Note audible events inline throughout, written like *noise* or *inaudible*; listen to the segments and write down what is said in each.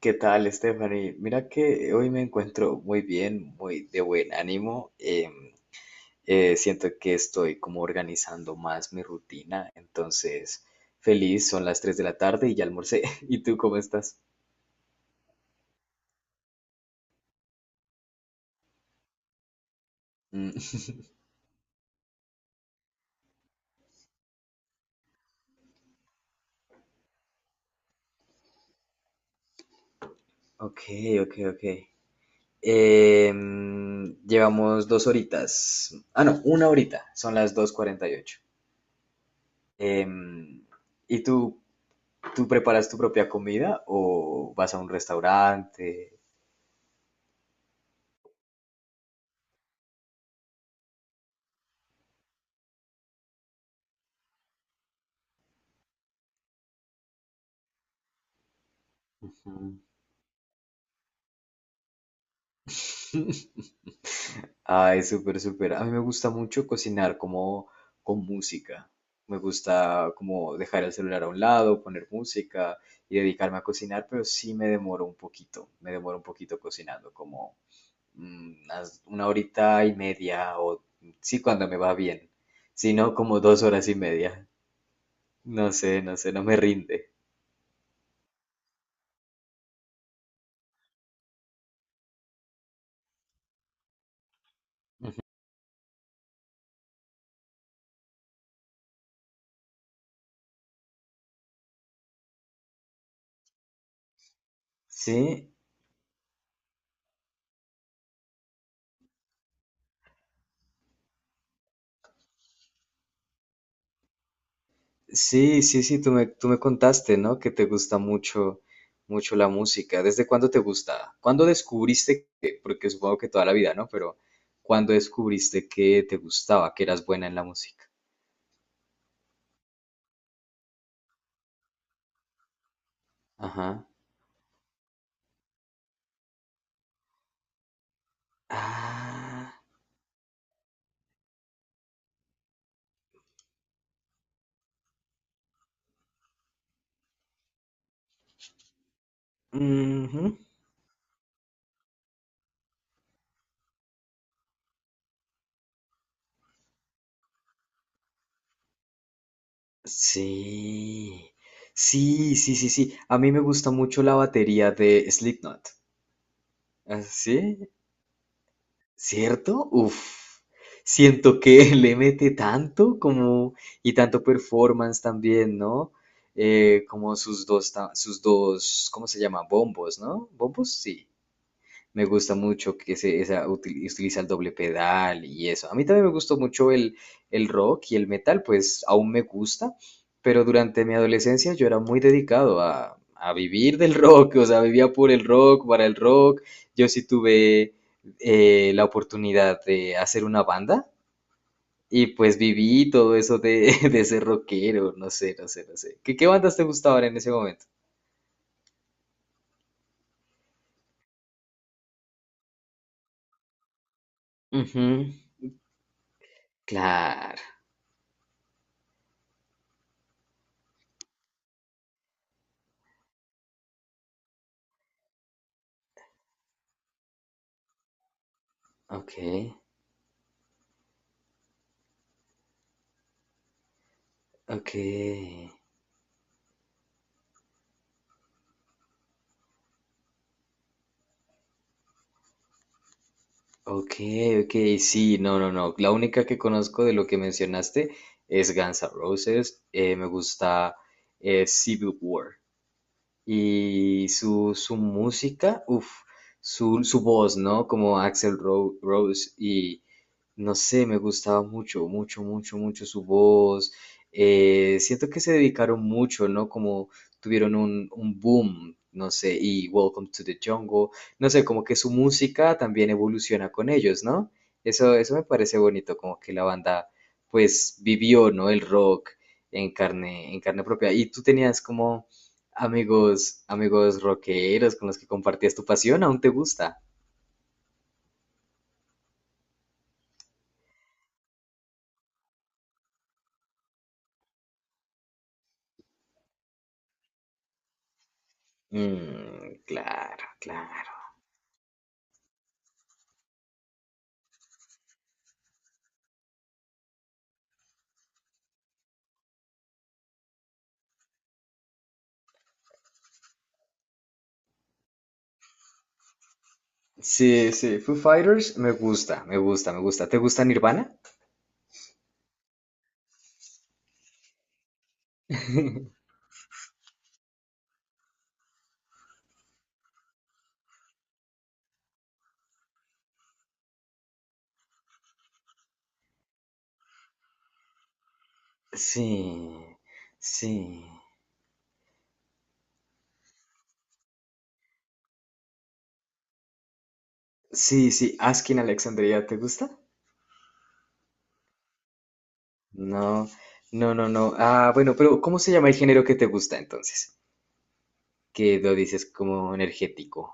¿Qué tal, Stephanie? Mira que hoy me encuentro muy bien, muy de buen ánimo. Siento que estoy como organizando más mi rutina, entonces feliz, son las 3 de la tarde y ya almorcé. *laughs* ¿Y tú cómo estás? Mm, ok, ok. Llevamos dos horitas. Ah, no, una horita, son las 2:48. Em, ¿Y tú preparas tu propia comida o vas a un restaurante? Mm. *laughs* Ay, súper, súper. A mí me gusta mucho cocinar como con música. Me gusta como dejar el celular a un lado, poner música y dedicarme a cocinar, pero sí me demoro un poquito. Me demoro un poquito cocinando, como una horita y media o sí cuando me va bien. Si no, como dos horas y media. No sé, no sé, no me rinde. Sí, sí, sí, sí, tú me contaste, ¿no? Que te gusta mucho, mucho la música. ¿Desde cuándo te gusta? ¿Cuándo descubriste que, porque supongo que toda la vida, ¿no? Pero ¿cuándo descubriste que te gustaba, que eras buena en la música? Ajá. Ah, ujú. Sí. Sí, sí, sí, sí. A mí me gusta mucho la batería de Slipknot. ¿Ah, sí? ¿Cierto? Uf, siento que *laughs* le mete tanto como y tanto performance también, ¿no? Como sus dos, sus dos, ¿cómo se llama? Bombos, ¿no? ¿Bombos? Sí. Me gusta mucho que se, esa, utiliza el doble pedal y eso. A mí también me gustó mucho el rock y el metal, pues aún me gusta, pero durante mi adolescencia yo era muy dedicado a vivir del *laughs* rock, o sea, vivía por el rock, para el rock. Yo sí tuve la oportunidad de hacer una banda y pues viví todo eso de, *laughs* de ser rockero, no sé, no sé, no sé. ¿Qué, qué bandas te gustaban en ese momento? Ujú, claro, ok, ok. Ok, ok, sí, no, no, no. La única que conozco de lo que mencionaste es Guns N' Roses. Me gusta, Civil War. Y su música, uff, su voz, ¿no? Como Axel Rose y no sé, me gustaba mucho, mucho, mucho, mucho su voz. Siento que se dedicaron mucho, ¿no? Como tuvieron un boom, no sé, y Welcome to the Jungle, no sé, como que su música también evoluciona con ellos, ¿no? Eso me parece bonito, como que la banda, pues, vivió, ¿no? El rock en carne propia. Y tú tenías como amigos, amigos rockeros con los que compartías tu pasión, ¿aún te gusta? Mm, claro, claro. Sí, sí, Foo Fighters me gusta, me gusta, me gusta. ¿Te gusta Nirvana? Sí, sí, sí, sí. Askin Alexandria, ¿te gusta? No, no, no, no. Ah, bueno, pero ¿cómo se llama el género que te gusta entonces? Que lo dices como energético.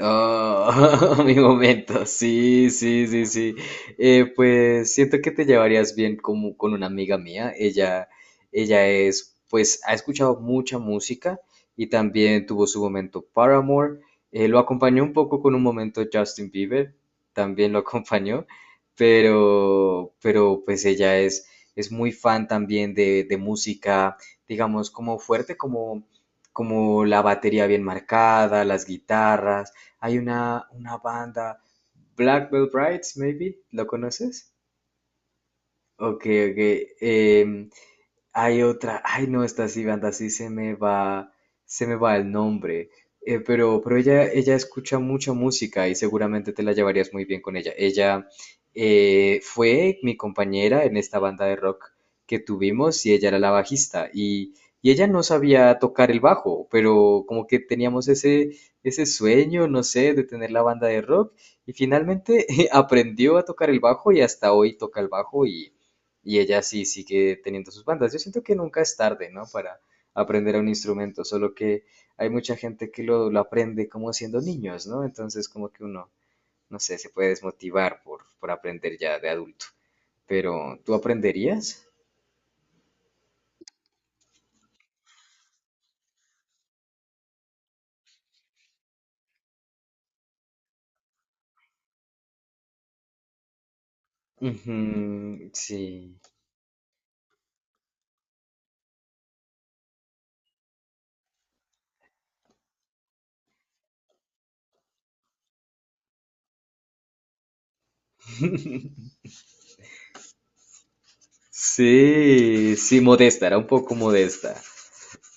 Oh, *laughs* mi momento, sí, sí, sí, sí. Pues siento que te llevarías bien como con una amiga mía. Ella es, pues, ha escuchado mucha música y también tuvo su momento Paramore. Lo acompañó un poco con un momento Justin Bieber, también lo *laughs* acompañó, pero pues ella es muy fan también de música, digamos, como fuerte, como, como la batería bien marcada, las guitarras. Hay una banda, Black Veil Brides, maybe, ¿lo conoces? Ok, ok. Hay otra, ay no, esta sí, banda, sí se me va el nombre. Pero ella escucha mucha música y seguramente te la llevarías muy bien con ella. Ella, fue mi compañera en esta banda de rock que tuvimos y ella era la bajista y ella no sabía tocar el bajo, pero como que teníamos ese, ese sueño, no sé, de tener la banda de rock y finalmente *laughs* aprendió a tocar el bajo y hasta hoy toca el bajo y ella sí sigue teniendo sus bandas. Yo siento que nunca es tarde, ¿no? Para aprender un instrumento, solo que hay mucha gente que lo aprende como siendo niños, ¿no? Entonces como que uno, no sé, se puede desmotivar por aprender ya de adulto. Pero, ¿tú aprenderías? Ujú, sí. Sí, sí, modesta, era un poco modesta.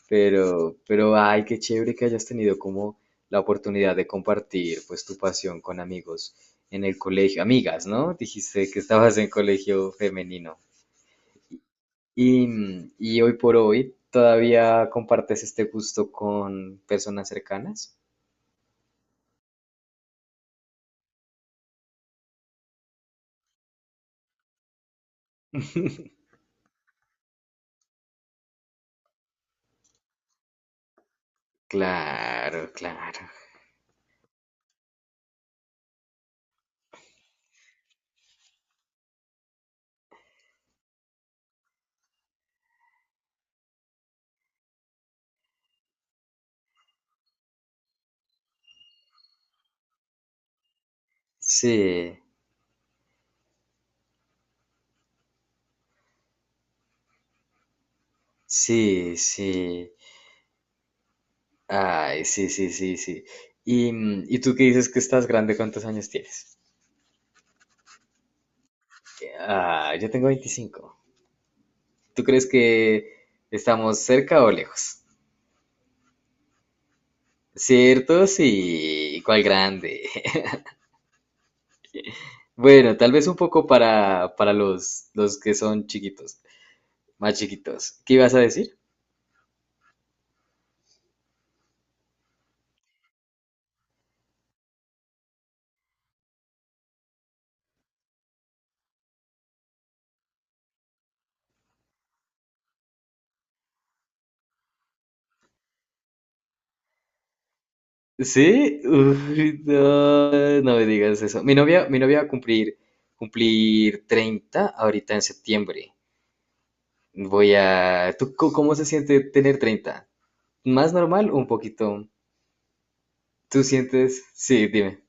Pero, ay, qué chévere que hayas tenido como la oportunidad de compartir pues tu pasión con amigos en el colegio, amigas, ¿no? Dijiste que estabas en colegio femenino. Y, mm, y hoy por hoy, ¿todavía compartes este gusto con personas cercanas? Claro, claro. Sí, sí, sí. Ay, sí, sí, sí, sí. Y, mm, ¿y tú qué dices que estás grande? ¿Cuántos años tienes? Ah, yo tengo 25. ¿Tú crees que estamos cerca o lejos? ¿Cierto? Sí, cuál grande. *laughs* Bueno, tal vez un poco para los que son chiquitos, más chiquitos. ¿Qué ibas a decir? Sí, uy, no, no me digas eso. Mi novia va a cumplir 30 ahorita en septiembre. Voy a... ¿Tú cómo se siente tener 30? ¿Más normal o un poquito? ¿Tú sientes? Sí, dime.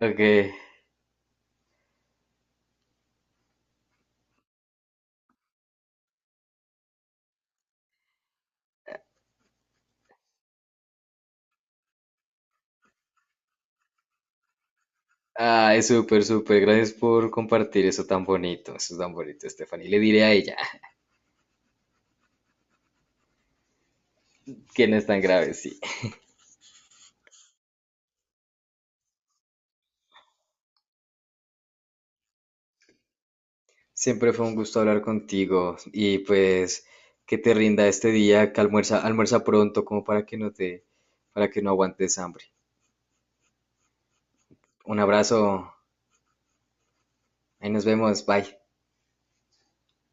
Ok. Ay, súper, súper. Gracias por compartir eso tan bonito. Eso es tan bonito, Stephanie. Le diré a ella *laughs* que no es tan grave, sí. Siempre fue un gusto hablar contigo y pues que te rinda este día, que almuerza, almuerza pronto como para que no te, para que no aguantes hambre. Un abrazo. Ahí nos vemos. Bye.